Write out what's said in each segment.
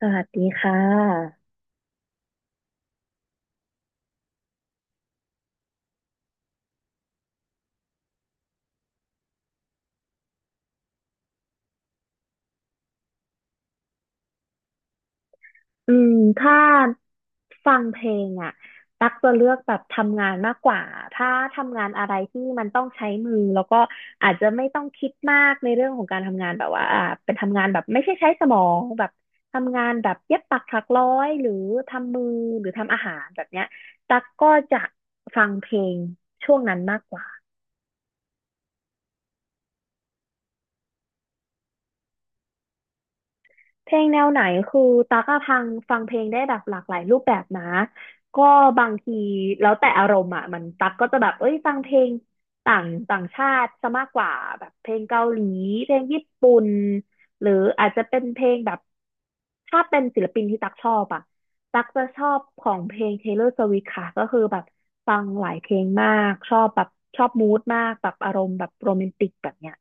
สวัสดีค่ะอืมถ้าฟังเพลงอ่ะตักจะเลือกแบบทำงานมากกว่าถ้าทำงานอะไรที่มันต้องใช้มือแล้วก็อาจจะไม่ต้องคิดมากในเรื่องของการทำงานแบบว่าเป็นทำงานแบบไม่ใช่ใช้สมองแบบทำงานแบบเย็บปักถักร้อยหรือทำมือหรือทำอาหารแบบเนี้ยตักก็จะฟังเพลงช่วงนั้นมากกว่า เพลงแนวไหนคือตากอะพังฟังเพลงได้แบบหลากหลายรูปแบบนะก็บางทีแล้วแต่อารมณ์อ่ะมันตักก็จะแบบเอ้ยฟังเพลงต่างต่างชาติซะมากกว่าแบบเพลงเกาหลีเพลงญี่ปุ่นหรืออาจจะเป็นเพลงแบบถ้าเป็นศิลปินที่ตักชอบอ่ะตักจะชอบของเพลง Taylor Swift ค่ะก็คือแบบฟังหลายเพลงมากชอบแบบชอบมูดมากแบบอารมณ์แบบโรแมนติกแบบเนี้ย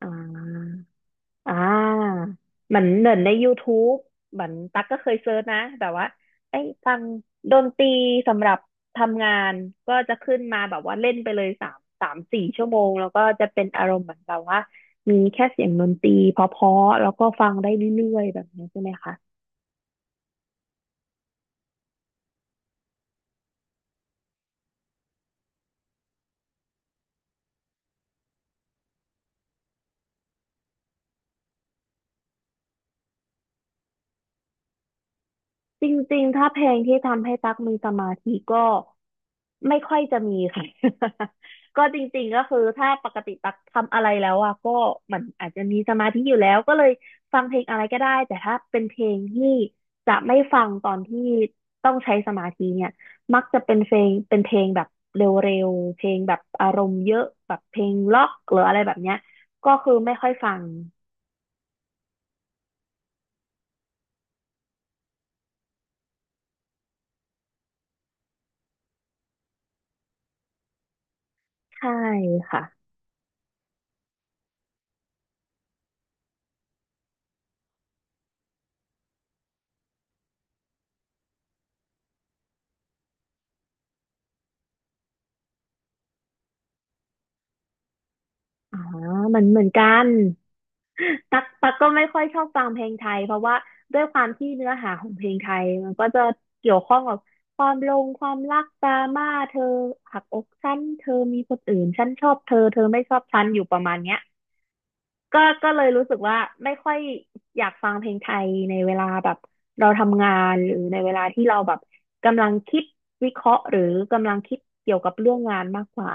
อ่า อ่าเหมือนเหมือนใน YouTube เหมือนตั๊กก็เคยเซิร์ชนะแบบว่าไอ้ฟังดนตรีสำหรับทำงานก็จะขึ้นมาแบบว่าเล่นไปเลยสามสี่ชั่วโมงแล้วก็จะเป็นอารมณ์เหมือนแบบว่ามีแค่เสียงดนตรีเพราะๆแล้วก็ฟังได้เรื่อยๆแบบนี้ใช่ไหมคะ จริงๆถ้าเพลงที่ทำให้ตั๊กมีสมาธิก็ไม่ค่อยจะมีค่ะ ก็จริงๆก็คือถ้าปกติตั๊กทำอะไรแล้วอ่ะก็เหมันอาจจะมีสมาธิอยู่แล้วก็เลยฟังเพลงอะไรก็ได้แต่ถ้าเป็นเพลงที่จะไม่ฟังตอนที่ต้องใช้สมาธิเนี่ยมักจะเป็นเพลงแบบเร็วๆเพลงแบบอารมณ์เยอะแบบเพลงล็อกหรืออะไรแบบเนี้ยก็คือไม่ค่อยฟังใช่ค่ะอ่ามันเหมือนกัน ตักก็ไม่ค่อยชอบฟังเพลงไทยเพราะว่าด้วยความที่เนื้อหาของเพลงไทยมันก็จะเกี่ยวข้องกับความลงความรักดราม่าเธอหักอกฉันเธอมีคนอื่นฉันชอบเธอเธอไม่ชอบฉันอยู่ประมาณเนี้ยก็เลยรู้สึกว่าไม่ค่อยอยากฟังเพลงไทยในเวลาแบบเราทำงานหรือในเวลาที่เราแบบกำลังคิดวิเคราะห์หรือกำลังคิดเกี่ยวกับเรื่องงานมากกว่า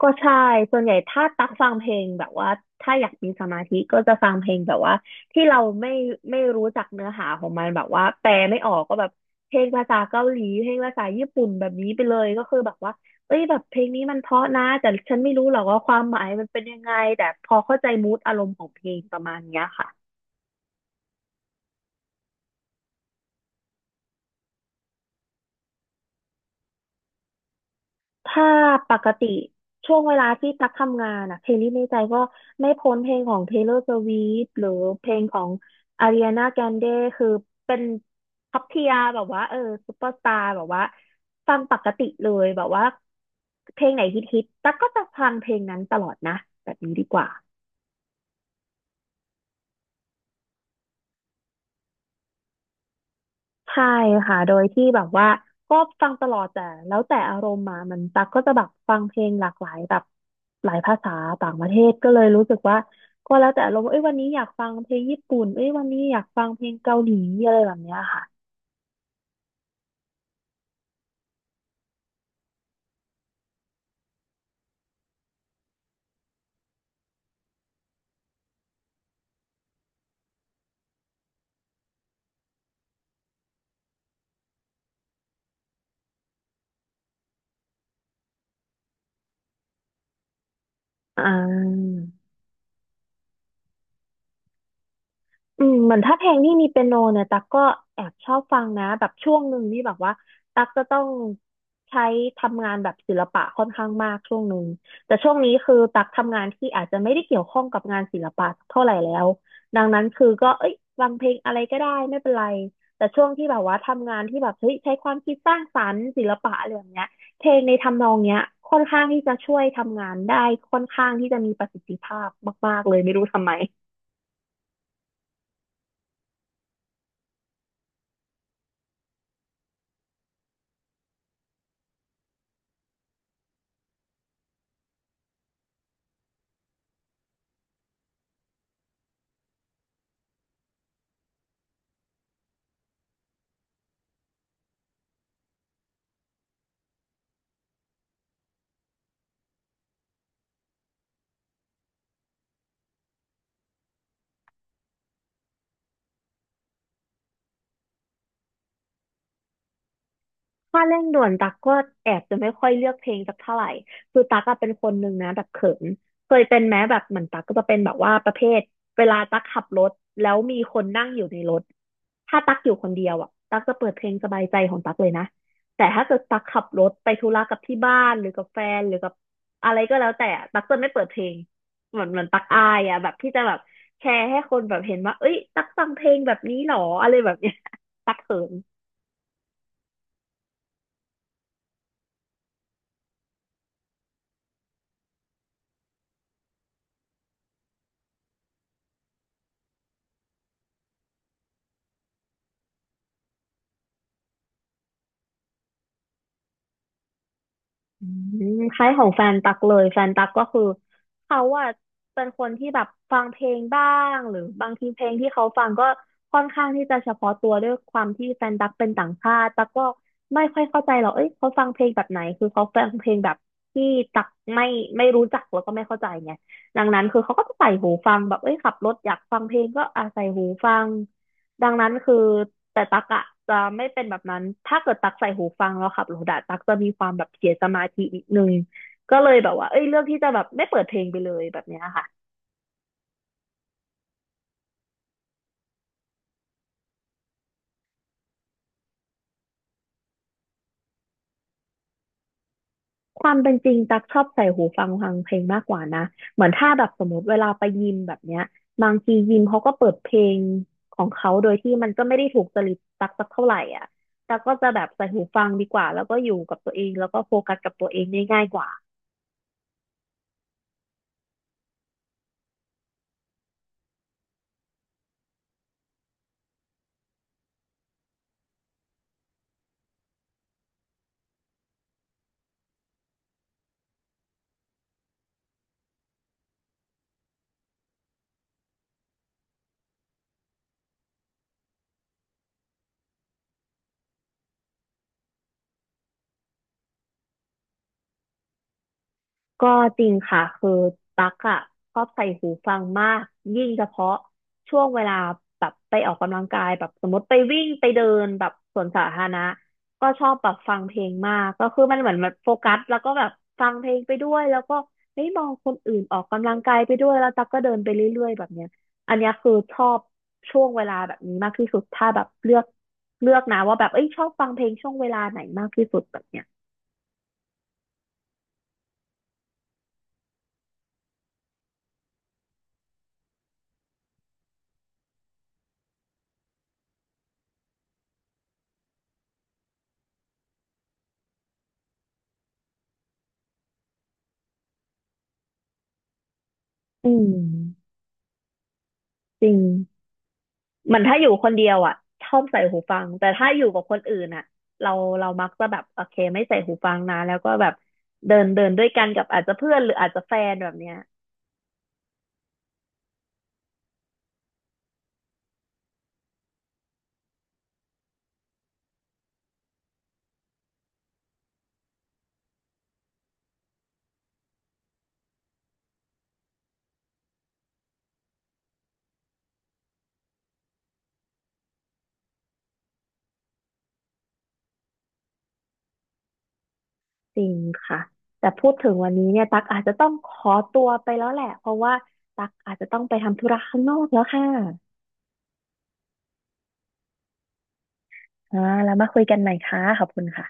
ก็ใช่ส่วนใหญ่ถ้าตักฟังเพลงแบบว่าถ้าอยากมีสมาธิก็จะฟังเพลงแบบว่าที่เราไม่รู้จักเนื้อหาของมันแบบว่าแปลไม่ออกก็แบบเพลงภาษาเกาหลีเพลงภาษาญี่ปุ่นแบบนี้ไปเลยก็คือแบบว่าเอ้ยแบบเพลงนี้มันเพราะนะแต่ฉันไม่รู้หรอกว่าความหมายมันเป็นยังไงแต่พอเข้าใจมูดอารมณ์ของเพลงประมาณเนี้ยค่ะ ถ้าปกติช่วงเวลาที่ตักทำงานอะเพลงที่ในใจก็ไม่พ้นเพลงของ Taylor Swift หรือเพลงของ Ariana Grande คือเป็นท็อปเทียแบบว่าเออซุปเปอร์สตาร์แบบว่าฟังปกติเลยแบบว่าเพลงไหนฮิตๆตักก็จะฟังเพลงนั้นตลอดนะแบบนี้ดีกว่า ใช่ค่ะ โดยที่แบบว่าก็ฟังตลอดแต่แล้วแต่อารมณ์มามันตักก็จะแบบฟังเพลงหลากหลายแบบหลายภาษาต่างประเทศก็เลยรู้สึกว่าก็แล้วแต่อารมณ์เอ้ยวันนี้อยากฟังเพลงญี่ปุ่นเอ้ยวันนี้อยากฟังเพลงเกาหลีอะไรแบบเนี้ยค่ะอ่า อืมเหมือนถ้าเพลงที่มีเปียโนเนี่ยตั๊กก็แอบชอบฟังนะแบบช่วงหนึ่งนี่แบบว่าตั๊กจะต้องใช้ทำงานแบบศิลปะค่อนข้างมากช่วงหนึ่งแต่ช่วงนี้คือตั๊กทำงานที่อาจจะไม่ได้เกี่ยวข้องกับงานศิลปะเท่าไหร่แล้วดังนั้นคือก็เอ้ยฟังเพลงอะไรก็ได้ไม่เป็นไรแต่ช่วงที่แบบว่าทำงานที่แบบเฮ้ยใช้ความคิดสร้างสรรค์ศิลปะอะไรอย่างเงี้ยเพลงในทำนองเนี้ยค่อนข้างที่จะช่วยทำงานได้ค่อนข้างที่จะมีประสิทธิภาพมากๆเลยไม่รู้ทำไม ถ้าเร่งด่วนตักก็แอบจะไม่ค่อยเลือกเพลงสักเท่าไหร่คือตักอะเป็นคนหนึ่งนะแบบเขินเคยเป็นแม้แบบเหมือนตักก็จะเป็นแบบว่าประเภทเวลาตักขับรถแล้วมีคนนั่งอยู่ในรถถ้าตักอยู่คนเดียวอ่ะตักจะเปิดเพลงสบายใจของตักเลยนะแต่ถ้าเกิดตักขับรถไปธุระกับที่บ้านหรือกับแฟนหรือกับอะไรก็แล้วแต่อะตักจะไม่เปิดเพลงเหมือนตักอายอ่ะแบบที่จะแบบแชร์ให้คนแบบเห็นว่าเอ้ยตักฟังเพลงแบบนี้หรออะไรแบบเนี้ย ตักเขิน อืมคล้ายของแฟนตักเลยแฟนตักก็คือเขาอะเป็นคนที่แบบฟังเพลงบ้างหรือบางทีเพลงที่เขาฟังก็ค่อนข้างที่จะเฉพาะตัวด้วยความที่แฟนตักเป็นต่างชาติตักก็ไม่ค่อยเข้าใจหรอกเอ้ยเขาฟังเพลงแบบไหนคือเขาฟังเพลงแบบที่ตักไม่ไม่รู้จักแล้วก็ไม่เข้าใจไงดังนั้นคือเขาก็จะใส่หูฟังแบบเอ้ยขับรถอยากฟังเพลงก็อ่ะใส่หูฟัง ดังนั้นคือแต่ตักอะจะไม่เป็นแบบนั้น ถ้าเกิดตักใส่หูฟังแล้วขับรถอะตักจะมีความแบบเสียสมาธินิดนึงก็เลยแบบว่าเอ้ยเลือกที่จะแบบไม่เปิดเพลงไปเลยแบบเนี้ยค่ะความเป็นจริงตักชอบใส่หูฟังฟังเพลงมากกว่านะเหมือนถ้าแบบสมมติเวลาไปยิมแบบเนี้ยบางทียิมเขาก็เปิดเพลงของเขาโดยที่มันก็ไม่ได้ถูกจริตตักสักเท่าไหร่อ่ะตักก็จะแบบใส่หูฟังดีกว่าแล้วก็อยู่กับตัวเองแล้วก็โฟกัสกับตัวเองได้ง่ายกว่า ก็จริงค่ะคือตั๊กอ่ะชอบใส่หูฟังมากยิ่งเฉพาะช่วงเวลาแบบไปออกกำลังกายแบบสมมติไปวิ่งไปเดินแบบสวนสาธารณะก็ชอบแบบฟังเพลงมากก็คือมันเหมือนมันโฟกัสแล้วก็แบบฟังเพลงไปด้วยแล้วก็เฮ้ยมองคนอื่นออกกำลังกายไปด้วยแล้วตั๊กก็เดินไปเรื่อยๆแบบเนี้ยอันเนี้ยคือชอบช่วงเวลาแบบนี้มากที่สุดถ้าแบบเลือกนะว่าแบบเอ้ยชอบฟังเพลงช่วงเวลาไหนมากที่สุดแบบเนี้ยอืมจริง เหมือนถ้าอยู่คนเดียวอ่ะชอบใส่หูฟังแต่ถ้าอยู่กับคนอื่นอ่ะเราเรามักจะแบบโอเคไม่ใส่หูฟังนะแล้วก็แบบเดินเดินด้วยกันกับอาจจะเพื่อนหรืออาจจะแฟนแบบเนี้ยจริงค่ะแต่พูดถึงวันนี้เนี่ยตักอาจจะต้องขอตัวไปแล้วแหละเพราะว่าตักอาจจะต้องไปทำธุระข้างนอกแล้วค่ะอ่าแล้วมาคุยกันใหม่ค่ะขอบคุณค่ะ